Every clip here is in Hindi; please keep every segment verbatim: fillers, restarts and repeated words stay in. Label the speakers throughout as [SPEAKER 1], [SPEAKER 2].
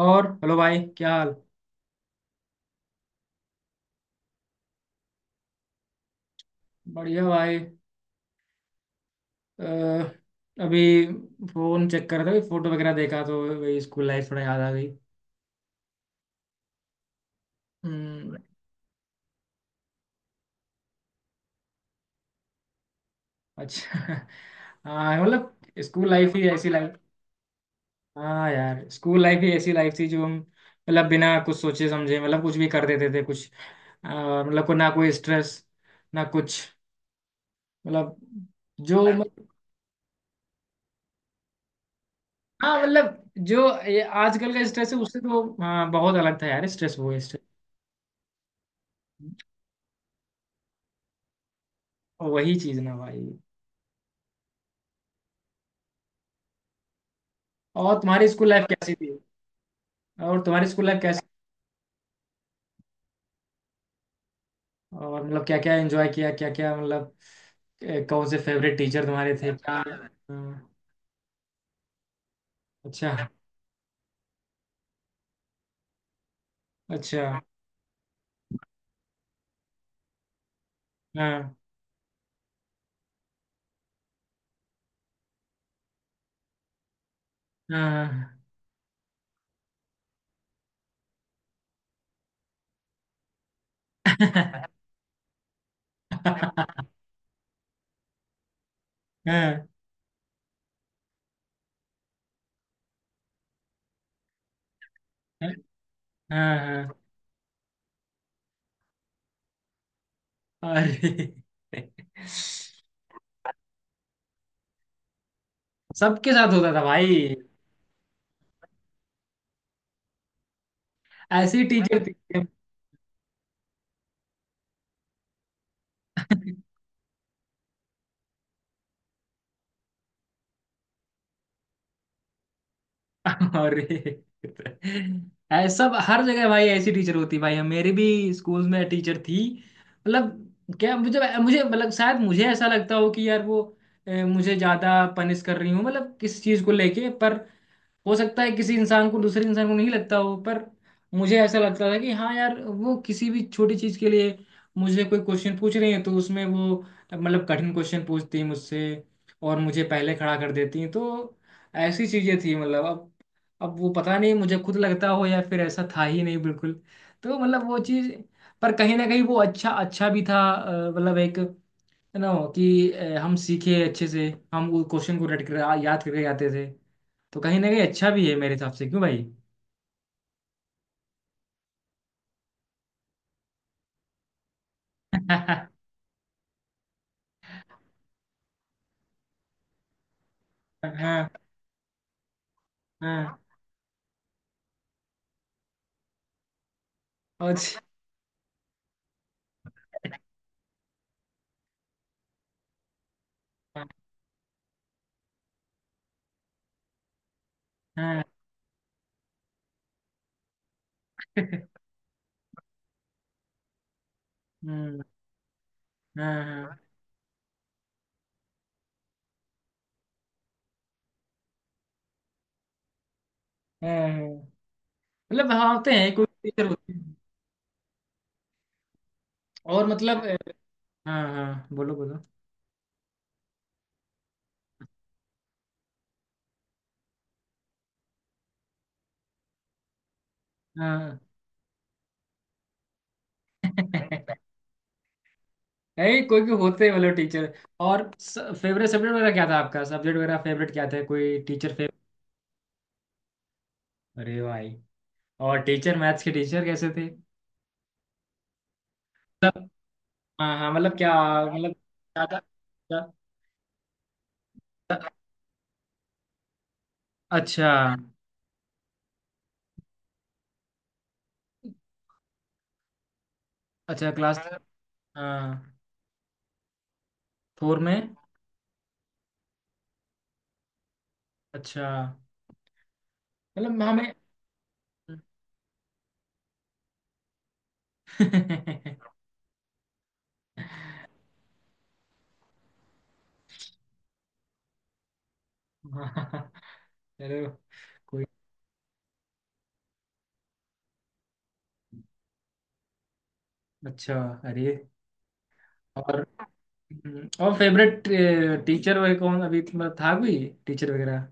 [SPEAKER 1] और हेलो भाई, क्या हाल। बढ़िया भाई, अ, अभी फोन चेक कर रहा था, फोटो वगैरह देखा तो वही स्कूल लाइफ थोड़ा याद आ गई। हम्म। अच्छा। हाँ मतलब, स्कूल लाइफ ही ऐसी लाइफ। हाँ यार, स्कूल लाइफ ही ऐसी लाइफ थी जो हम मतलब बिना कुछ सोचे समझे मतलब कुछ भी कर देते थे। कुछ अ, मतलब को ना कोई स्ट्रेस, ना कुछ, मतलब जो, हाँ मतलब, जो ये आजकल का स्ट्रेस है उससे तो हाँ बहुत अलग था यार। स्ट्रेस, वो स्ट्रेस। वही चीज ना भाई। और तुम्हारी स्कूल लाइफ कैसी थी। और तुम्हारी स्कूल लाइफ कैसी। और मतलब क्या क्या एंजॉय किया, क्या क्या मतलब, ए, कौन से फेवरेट टीचर तुम्हारे थे, क्या। हाँ। अच्छा। अच्छा। हाँ हाँ। हाँ हाँ हाँ, हाँ, हाँ, अरे। सबके साथ होता था भाई, ऐसी टीचर थी। अरे, ऐसा सब हर जगह भाई, ऐसी टीचर होती है भाई। हम, मेरी भी स्कूल में टीचर थी। मतलब क्या, मुझे मुझे मतलब शायद मुझे ऐसा लगता हो कि यार वो, अ, मुझे ज्यादा पनिश कर रही हूँ, मतलब किस चीज को लेके। पर हो सकता है किसी इंसान को दूसरे इंसान को नहीं लगता हो, पर मुझे ऐसा लगता था कि हाँ यार, वो किसी भी छोटी चीज के लिए मुझे कोई क्वेश्चन पूछ रही है तो उसमें वो मतलब कठिन क्वेश्चन पूछती है मुझसे, और मुझे पहले खड़ा कर देती हैं। तो ऐसी चीजें थी। मतलब अब अब वो पता नहीं मुझे खुद लगता हो या फिर ऐसा था ही नहीं बिल्कुल। तो मतलब वो चीज, पर कहीं ना कहीं वो अच्छा अच्छा भी था। अ, मतलब, एक है ना, कि अ, हम सीखे अच्छे से। हम वो क्वेश्चन को रट कर आ- याद करके आते थे। तो कहीं ना कहीं अच्छा भी है मेरे हिसाब से, क्यों भाई? हाँ हाँ हाँ। और- हाँ। हम्म। हाँ हाँ हाँ, मतलब हाँ, होते हैं कोई टीचर होते हैं। और मतलब, अ, हाँ हाँ बोलो बोलो। हाँ। नहीं कोई भी होते हैं, मतलब टीचर। और फेवरेट सब्जेक्ट वगैरह क्या था आपका, सब्जेक्ट वगैरह फेवरेट क्या था, कोई टीचर फेवरेट। अरे भाई। और टीचर, मैथ्स के टीचर कैसे थे? हाँ हाँ मतलब क्या, मतलब ज्यादा, ज्यादा- अच्छा। अच्छा क्लास। हाँ। फोर में। अच्छा मतलब हमें। हाँ, चलो कोई अच्छा। अरे, और और फेवरेट टीचर वगैरह कौन अभी तुम्हारा था, कोई टीचर वगैरह।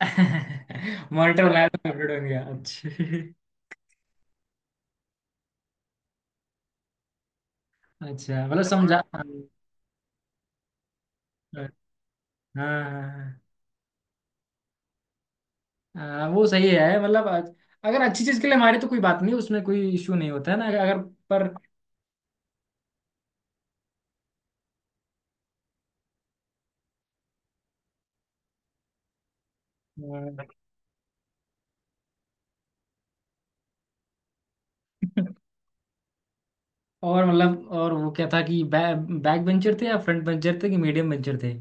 [SPEAKER 1] मॉनिटर बनाया तो फेवरेट बन गया, अच्छा। अच्छा मतलब समझा। हाँ हाँ हाँ, हाँ। हाँ वो सही है। मतलब अ- अगर अच्छी चीज के लिए मारे तो कोई बात नहीं, उसमें कोई इशू नहीं होता है ना, अगर, पर अ, और मतलब, और वो क्या था कि बै, बैक बेंचर थे या फ्रंट बेंचर थे, कि मीडियम बेंचर थे?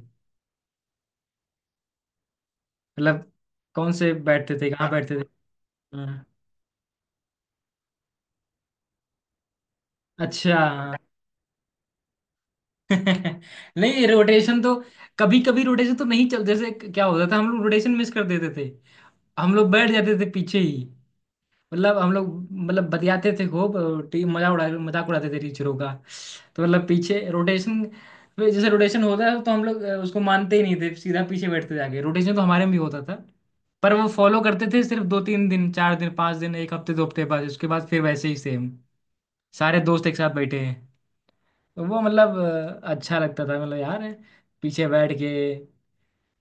[SPEAKER 1] मतलब कौन से बैठते थे, कहाँ बैठते थे। हाँ, अच्छा। नहीं रोटेशन तो, कभी कभी रोटेशन तो नहीं चल, जैसे क्या होता था, हम लोग रोटेशन मिस कर देते थे। हम लोग बैठ जाते थे पीछे ही। मतलब हम लोग, मतलब बतियाते थे खूब। टीम, मजा उड़ा मजाक उड़ाते थे टीचरों का। तो मतलब पीछे रोटेशन, जैसे रोटेशन होता है तो हम लोग अ, उसको मानते ही नहीं थे, सीधा पीछे बैठते जाके। रोटेशन तो हमारे में भी होता था, पर वो फॉलो करते थे सिर्फ दो तीन दिन, चार दिन, पाँच दिन, एक हफ्ते, दो हफ्ते बाद, उसके बाद फिर वैसे ही सेम, सारे दोस्त एक साथ बैठे हैं। तो वो मतलब, अ, अच्छा लगता था। मतलब यार, पीछे बैठ के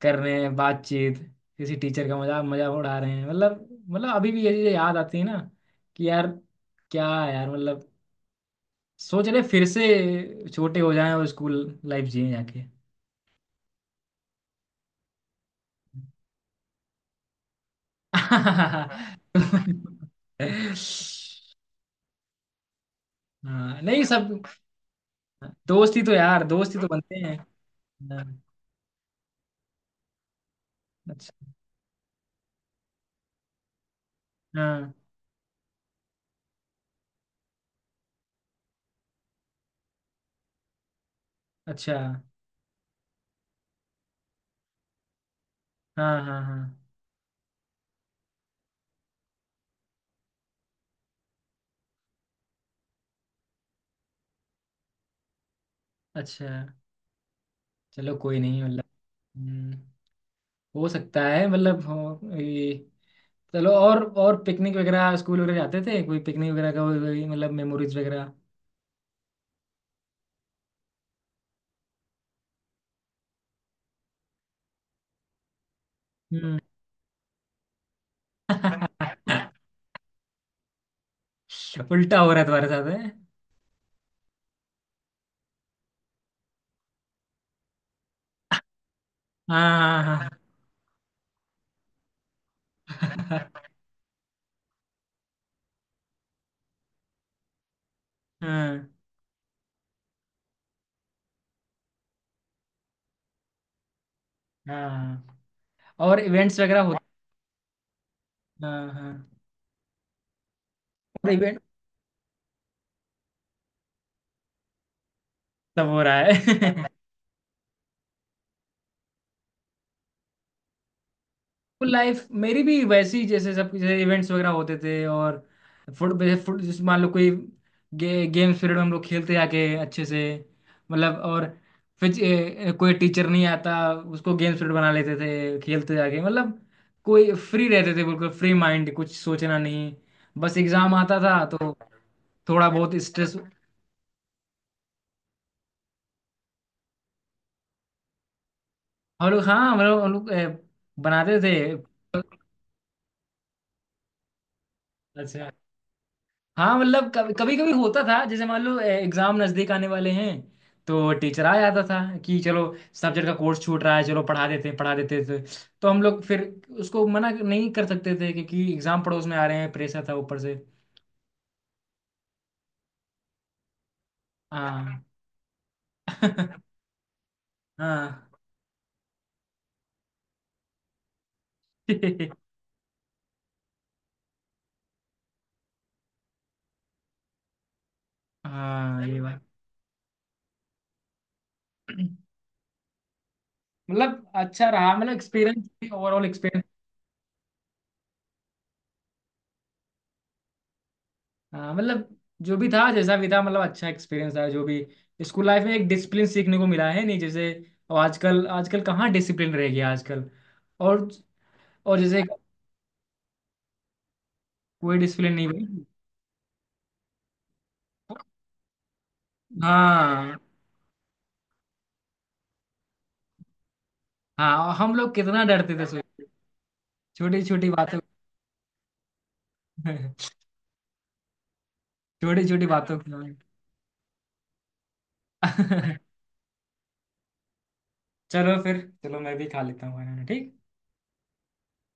[SPEAKER 1] कर रहे हैं बातचीत, किसी टीचर का मजाक मजाक उड़ा रहे हैं। मतलब मतलब अभी भी ये चीजें याद आती है ना, कि यार, क्या है यार, मतलब सोच रहे फिर से छोटे हो जाएं और स्कूल लाइफ जिए जाके। हाँ नहीं, सब दोस्ती तो यार, दोस्ती तो बनते हैं। हाँ, अच्छा। हाँ, अच्छा। हाँ हाँ हाँ, अच्छा। चलो कोई नहीं मतलब। हम्म। हो सकता है, मतलब हो, ये। चलो, और और पिकनिक वगैरह स्कूल वगैरह जाते थे कोई पिकनिक वगैरह का कोई, मतलब मेमोरीज वगैरह। हम्म। उल्टा हो रहा है तुम्हारे साथ है। हाँ हाँ हाँ। हाँ हाँ, और इवेंट्स वगैरह होते। हाँ हाँ। और इवेंट, सब हो रहा है। लाइफ मेरी भी वैसी ही, जैसे सब, जैसे इवेंट्स वगैरह होते थे, और फुट फुट जैसे मान लो, कोई गे, गेम्स पीरियड में हम लोग खेलते आके अच्छे से। मतलब और फिर ए, ए, कोई टीचर नहीं आता उसको गेम्स पीरियड बना लेते थे, खेलते जाके, मतलब कोई फ्री रहते थे, बिल्कुल फ्री माइंड, कुछ सोचना नहीं। बस एग्जाम आता था तो थोड़ा बहुत स्ट्रेस। हम लोग, हाँ हम लोग, हम लोग ए, बनाते थे। अच्छा। हाँ मतलब, कभी कभी होता था, जैसे मान लो एग्जाम नजदीक आने वाले हैं, तो टीचर आ जाता था कि चलो, सब्जेक्ट का कोर्स छूट रहा है, चलो पढ़ा देते हैं, पढ़ा देते थे। तो हम लोग फिर उसको मना नहीं कर सकते थे, क्योंकि एग्जाम पड़ोस में आ रहे हैं, प्रेशर था ऊपर से। हाँ। हाँ। हाँ ये बात। मतलब अच्छा रहा, मतलब एक्सपीरियंस, ओवरऑल एक्सपीरियंस। हाँ मतलब, जो भी था, जैसा भी था, मतलब अच्छा एक्सपीरियंस था। जो भी स्कूल लाइफ में एक डिसिप्लिन सीखने को मिला है, नहीं जैसे अब आजकल, आजकल कहाँ डिसिप्लिन रह गया आजकल। और, और जैसे कोई डिसिप्लिन नहीं भाई। हाँ हाँ, और हम लोग कितना डरते थे छोटी छोटी बातों। छोटी छोटी बातों के लिए। चलो फिर, चलो मैं भी खा लेता हूँ खाना, ठीक।